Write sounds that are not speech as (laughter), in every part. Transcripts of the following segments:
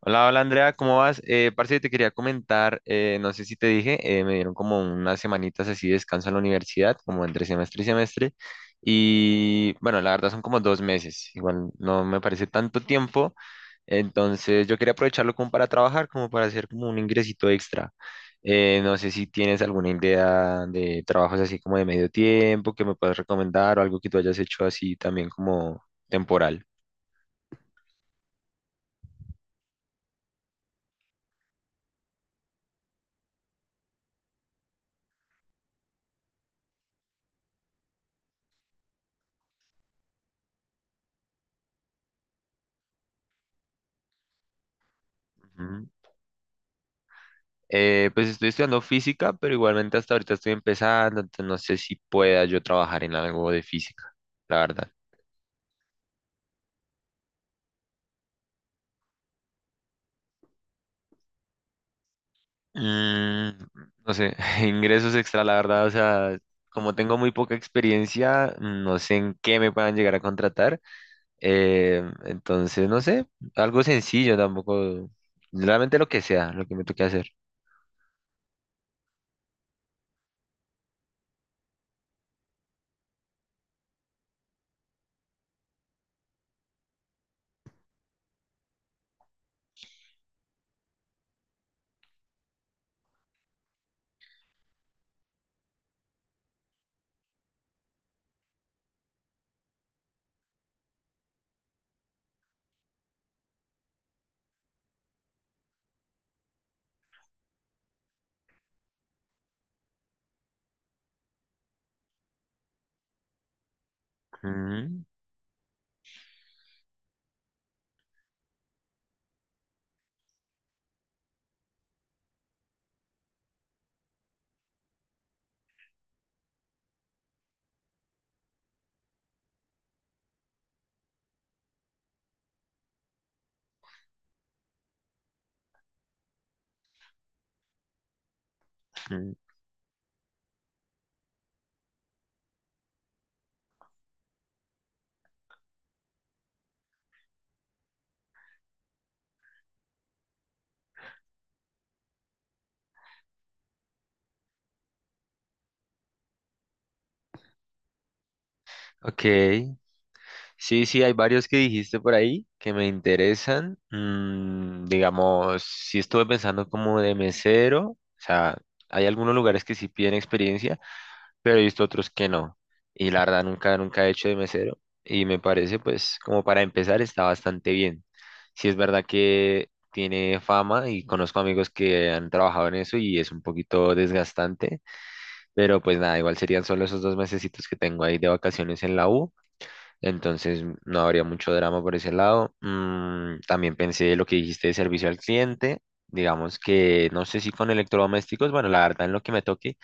Hola, hola Andrea, ¿cómo vas? Parce, te quería comentar, no sé si te dije, me dieron como unas semanitas así de descanso en la universidad, como entre semestre y semestre, y bueno, la verdad son como 2 meses, igual no me parece tanto tiempo, entonces yo quería aprovecharlo como para trabajar, como para hacer como un ingresito extra. No sé si tienes alguna idea de trabajos así como de medio tiempo que me puedas recomendar o algo que tú hayas hecho así también como temporal. Pues estoy estudiando física, pero igualmente hasta ahorita estoy empezando, entonces no sé si pueda yo trabajar en algo de física, la verdad. Mm, no sé, (laughs) ingresos extra, la verdad, o sea, como tengo muy poca experiencia, no sé en qué me puedan llegar a contratar. Entonces, no sé, algo sencillo tampoco, realmente lo que sea, lo que me toque hacer. Ujú, ujú. Ok, sí, sí, hay varios que dijiste por ahí que me interesan. Mm, digamos, sí estuve pensando como de mesero, o sea, hay algunos lugares que sí piden experiencia, pero he visto otros que no. Y la verdad nunca, nunca he hecho de mesero y me parece pues como para empezar está bastante bien. Sí es verdad que tiene fama y conozco amigos que han trabajado en eso y es un poquito desgastante, pero pues nada, igual serían solo esos 2 mesecitos que tengo ahí de vacaciones en la U, entonces no habría mucho drama por ese lado. Mm, también pensé lo que dijiste de servicio al cliente. Digamos que no sé si con electrodomésticos, bueno, la verdad en lo que me toque,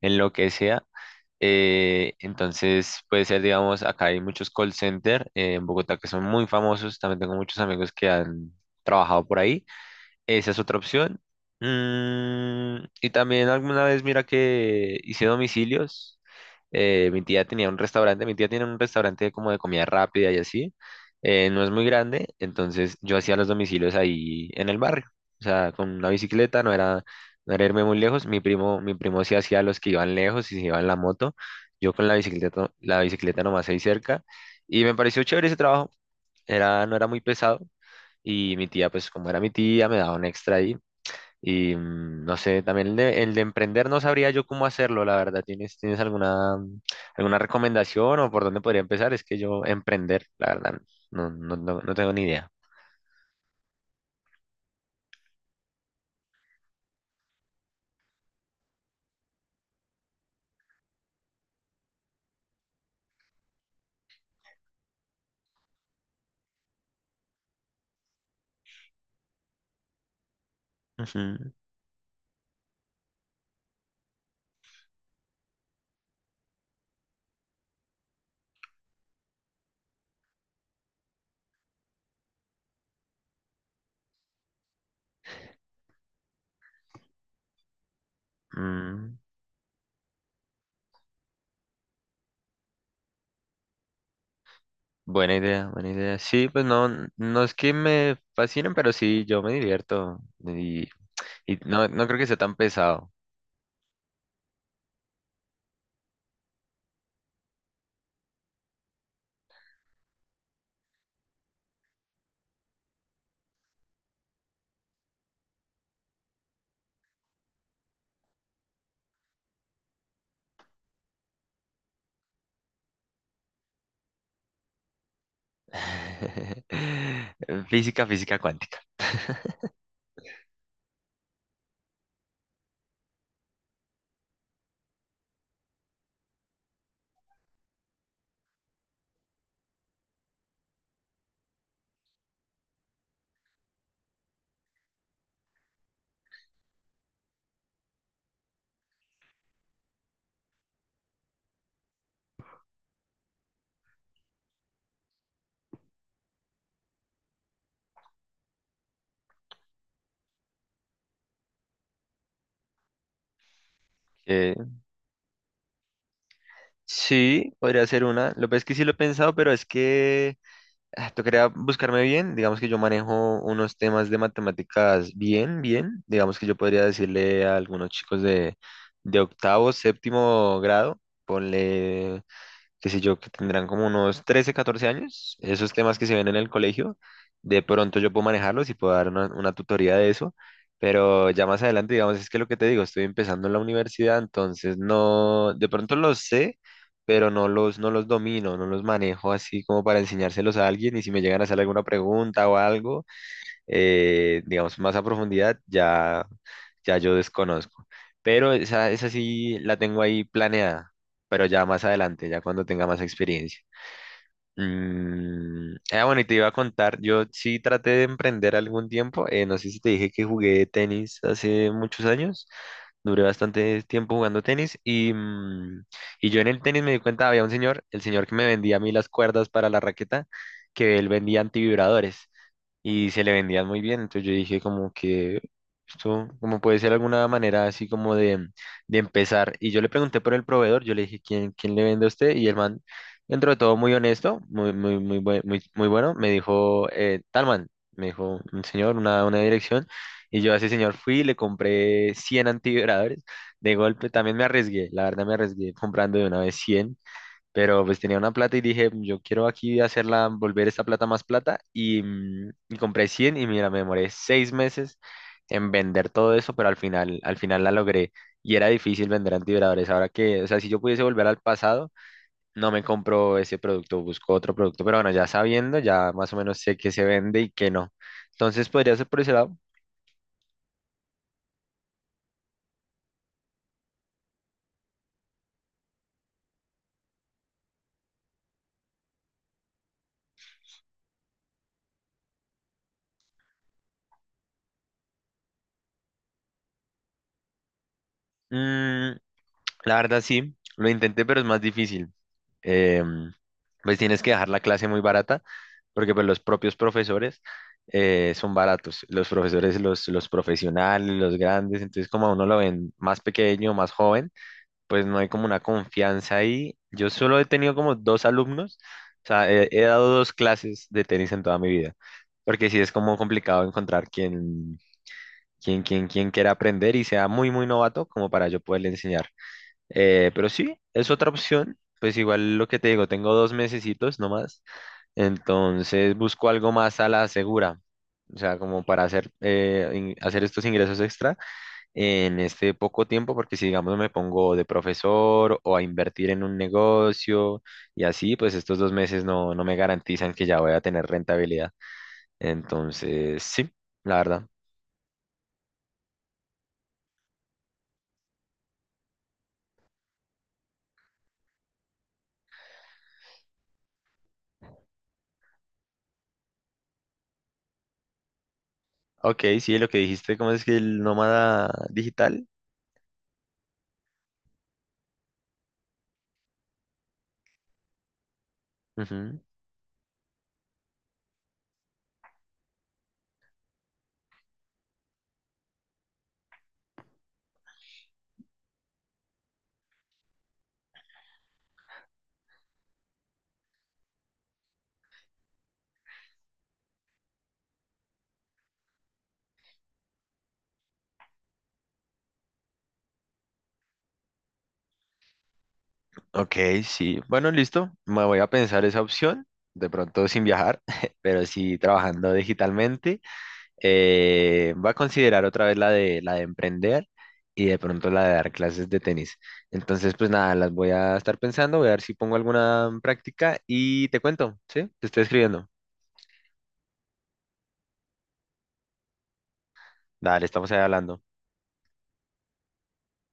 en lo que sea. Entonces puede ser, digamos, acá hay muchos call center en Bogotá que son muy famosos. También tengo muchos amigos que han trabajado por ahí. Esa es otra opción. Y también alguna vez, mira que hice domicilios. Mi tía tenía un restaurante, mi tía tiene un restaurante como de comida rápida y así. No es muy grande, entonces yo hacía los domicilios ahí en el barrio. O sea, con una bicicleta, no era, no era irme muy lejos. Mi primo sí hacía los que iban lejos y se iban en la moto. Yo con la bicicleta nomás ahí cerca. Y me pareció chévere ese trabajo. Era, no era muy pesado. Y mi tía, pues como era mi tía, me daba un extra ahí. Y no sé, también el de emprender no sabría yo cómo hacerlo, la verdad. ¿Tienes alguna recomendación o por dónde podría empezar? Es que yo emprender, la verdad, no, no, no, no tengo ni idea. Ujú. Mm, Buena idea, buena idea. Sí, pues no, no es que me fascinen, pero sí, yo me divierto. Y, y no, no creo que sea tan pesado. (laughs) Física, física cuántica. (laughs) Eh, Sí, podría ser una. Lo que pasa es que sí lo he pensado, pero es que ah, tocaría buscarme bien. Digamos que yo manejo unos temas de matemáticas bien, bien. Digamos que yo podría decirle a algunos chicos de octavo, séptimo grado, ponle qué sé yo, que tendrán como unos 13 o 14 años, esos temas que se ven en el colegio, de pronto yo puedo manejarlos y puedo dar una tutoría de eso, pero ya más adelante, digamos, es que lo que te digo, estoy empezando en la universidad, entonces no, de pronto los sé, pero no los domino, no los manejo así como para enseñárselos a alguien y si me llegan a hacer alguna pregunta o algo digamos, más a profundidad, ya, ya yo desconozco. Pero esa sí la tengo ahí planeada, pero ya más adelante, ya cuando tenga más experiencia. Ah, bueno, y te iba a contar, yo sí traté de emprender algún tiempo, no sé si te dije que jugué tenis hace muchos años, duré bastante tiempo jugando tenis y, y yo en el tenis me di cuenta, había un señor, el señor que me vendía a mí las cuerdas para la raqueta, que él vendía antivibradores y se le vendían muy bien. Entonces yo dije como que esto como puede ser alguna manera así como de empezar. Y yo le pregunté por el proveedor, yo le dije, ¿quién, quién le vende a usted? Y el man, dentro de todo muy honesto, muy, muy, muy, muy, muy bueno, me dijo, tal man, me dijo un señor, una dirección. Y yo a ese señor fui y le compré 100 antivibradores. De golpe también me arriesgué, la verdad me arriesgué comprando de una vez 100, pero pues tenía una plata y dije, "Mm, yo quiero aquí hacerla, volver esta plata más plata". Y, y compré 100 y mira, me demoré 6 meses en vender todo eso, pero al final la logré. Y era difícil vender antivibradores. Ahora que, o sea, si yo pudiese volver al pasado, no me compro ese producto, busco otro producto. Pero bueno, ya sabiendo, ya más o menos sé qué se vende y qué no. Entonces podría ser por ese lado. Mm, La verdad sí, lo intenté, pero es más difícil. Em, pues tienes que dejar la clase muy barata, porque pues, los propios profesores son baratos. Los profesores, los profesionales, los grandes, entonces como a uno lo ven más pequeño, más joven, pues no hay como una confianza ahí. Yo solo he tenido como dos alumnos, o sea, he dado dos clases de tenis en toda mi vida, porque sí es como complicado encontrar quien, quien quiera aprender y sea muy, muy novato como para yo poderle enseñar. Pero sí, es otra opción. Pues igual lo que te digo, tengo 2 mesecitos nomás. Entonces busco algo más a la segura. O sea, como para hacer, hacer estos ingresos extra en este poco tiempo, porque si digamos me pongo de profesor o a invertir en un negocio y así, pues estos 2 meses no, no me garantizan que ya voy a tener rentabilidad. Entonces, sí, la verdad. Ok, sí, lo que dijiste, ¿cómo es que el nómada digital? Ujú. Ok, sí. Bueno, listo. Me voy a pensar esa opción. De pronto sin viajar, (laughs) pero sí trabajando digitalmente. Voy a considerar otra vez la de emprender y de pronto la de dar clases de tenis. Entonces, pues nada, las voy a estar pensando, voy a ver si pongo alguna en práctica y te cuento, ¿sí? Te estoy escribiendo. Dale, estamos ahí hablando.